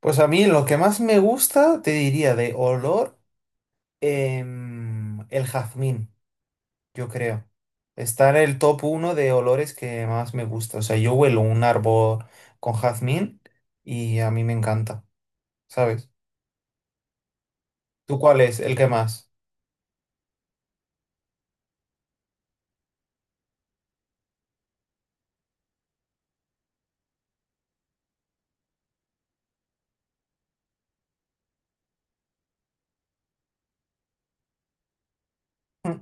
Pues a mí lo que más me gusta, te diría, de olor, el jazmín, yo creo. Está en el top uno de olores que más me gusta. O sea, yo huelo un árbol con jazmín y a mí me encanta, ¿sabes? ¿Tú cuál es el que más? Mm.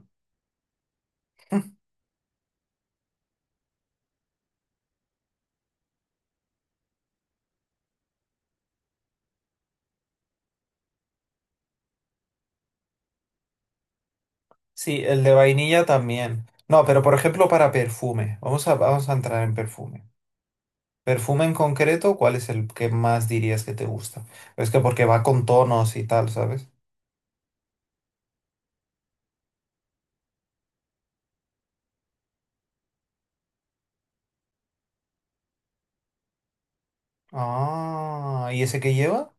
Sí, el de vainilla también. No, pero por ejemplo para perfume. Vamos a entrar en perfume. Perfume en concreto, ¿cuál es el que más dirías que te gusta? Es que porque va con tonos y tal, ¿sabes? Ah, ¿y ese que lleva?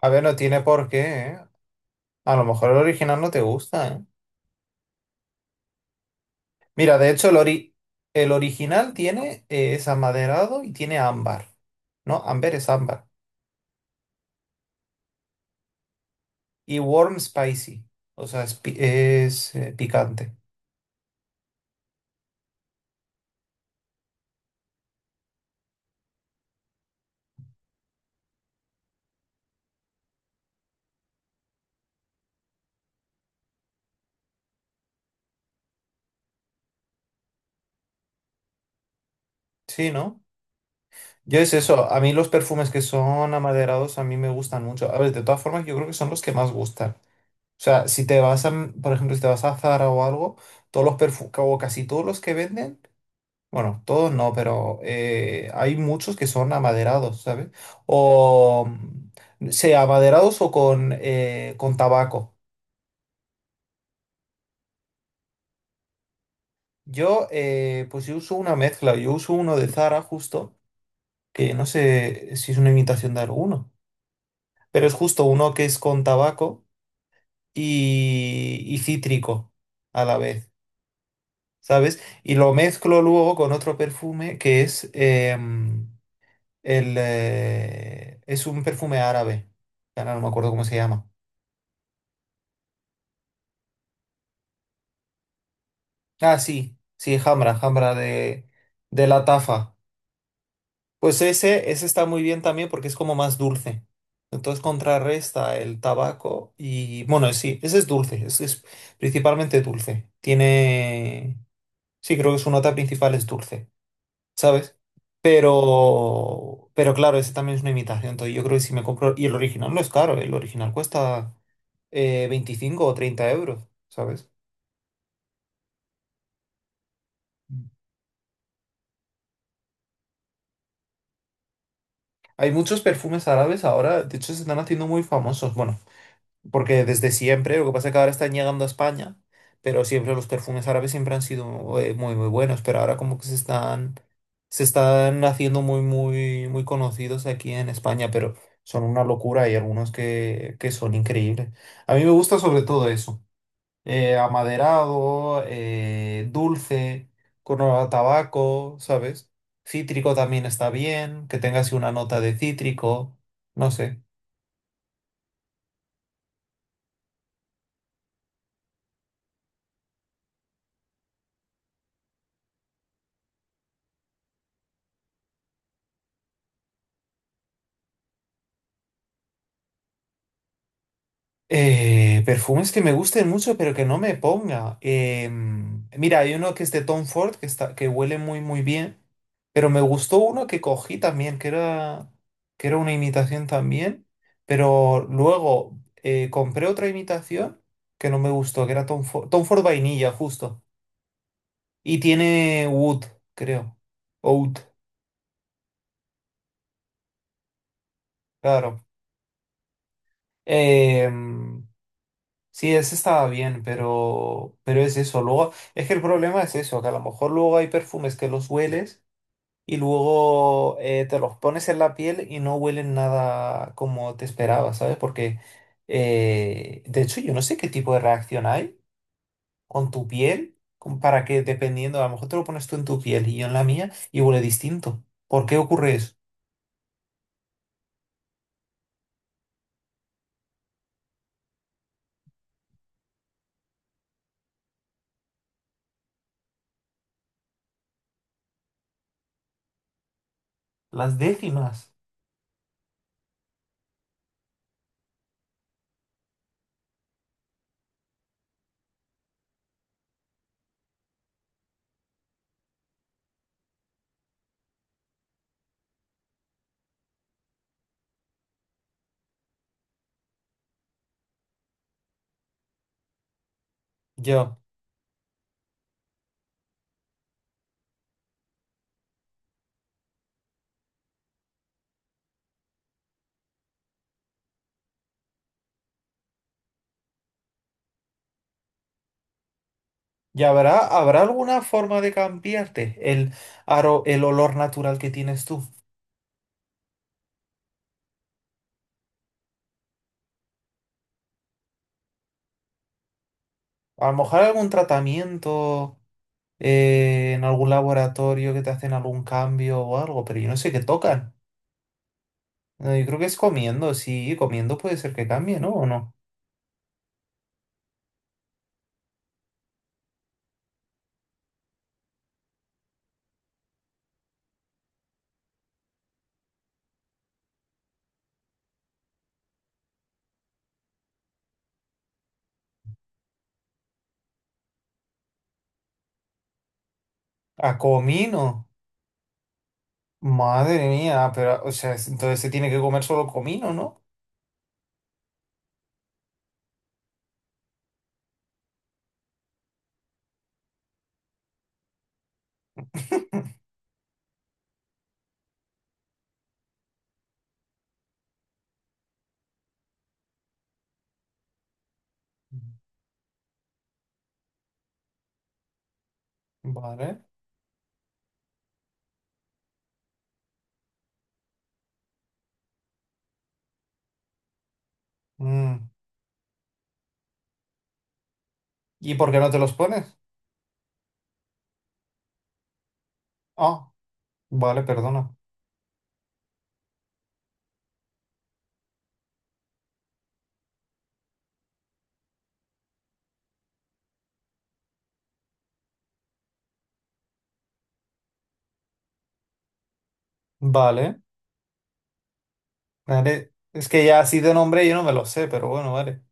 A ver, no tiene por qué, ¿eh? A lo mejor el original no te gusta, ¿eh? Mira, de hecho, el original tiene, es amaderado y tiene ámbar. No, ámbar es ámbar. Y warm spicy. O sea, es, picante. Sí, ¿no? Yo es eso. A mí los perfumes que son amaderados a mí me gustan mucho. A ver, de todas formas, yo creo que son los que más gustan. O sea, si te vas a, por ejemplo, si te vas a Zara o algo, todos los perfumes, o casi todos los que venden. Bueno, todos no, pero hay muchos que son amaderados, ¿sabes? O sea amaderados o con tabaco. Pues yo uso una mezcla, yo uso uno de Zara justo, que no sé si es una imitación de alguno, pero es justo uno que es con tabaco y cítrico a la vez, ¿sabes? Y lo mezclo luego con otro perfume que es es un perfume árabe. Ahora no me acuerdo cómo se llama. Ah, sí, sí, Hamra de la Tafa. Pues ese está muy bien también porque es como más dulce. Entonces contrarresta el tabaco y bueno, sí, ese es dulce, ese es principalmente dulce. Tiene, sí, creo que su nota principal es dulce, ¿sabes? Pero claro, ese también es una imitación. Entonces yo creo que si me compro, y el original no es caro, el original cuesta 25 o 30 euros, ¿sabes? Hay muchos perfumes árabes ahora, de hecho se están haciendo muy famosos, bueno, porque desde siempre, lo que pasa es que ahora están llegando a España, pero siempre los perfumes árabes siempre han sido muy, muy buenos, pero ahora como que se están haciendo muy, muy, muy conocidos aquí en España, pero son una locura, y algunos que son increíbles. A mí me gusta sobre todo eso. Amaderado, dulce, con olor a tabaco, ¿sabes? Cítrico también está bien, que tenga así una nota de cítrico, no sé. Perfumes que me gusten mucho, pero que no me ponga. Mira, hay uno que es de Tom Ford, que está, que huele muy, muy bien, pero me gustó uno que cogí también, que era una imitación también, pero luego compré otra imitación que no me gustó, que era Tom Ford, Tom Ford vainilla, justo. Y tiene Wood, creo. Oud, claro. Em, sí, ese estaba bien, pero es eso. Luego, es que el problema es eso, que a lo mejor luego hay perfumes que los hueles y luego te los pones en la piel y no huelen nada como te esperabas, ¿sabes? Porque, de hecho, yo no sé qué tipo de reacción hay con tu piel para que, dependiendo, a lo mejor te lo pones tú en tu piel y yo en la mía y huele distinto. ¿Por qué ocurre eso? Las décimas. Yo. ¿Y habrá, habrá alguna forma de cambiarte el olor natural que tienes tú? A lo mejor algún tratamiento en algún laboratorio que te hacen algún cambio o algo, pero yo no sé qué tocan. Yo creo que es comiendo, sí, comiendo puede ser que cambie, ¿no? ¿O no? A comino. Madre mía, pero, o sea, entonces se tiene que comer solo comino, ¿no? Vale. Mm. ¿Y por qué no te los pones? Ah, vale, perdona. Vale. Vale. Es que ya así de nombre yo no me lo sé, pero bueno, vale.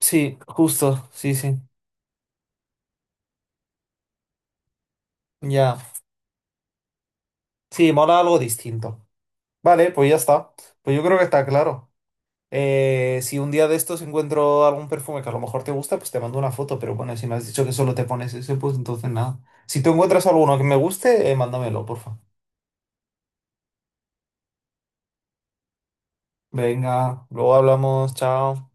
Sí, justo, sí, sí. Ya. Sí, mola algo distinto. Vale, pues ya está. Pues yo creo que está claro. Si un día de estos encuentro algún perfume que a lo mejor te gusta, pues te mando una foto. Pero bueno, si me has dicho que solo te pones ese, pues entonces nada. Si tú encuentras alguno que me guste, mándamelo, porfa. Venga, luego hablamos, chao.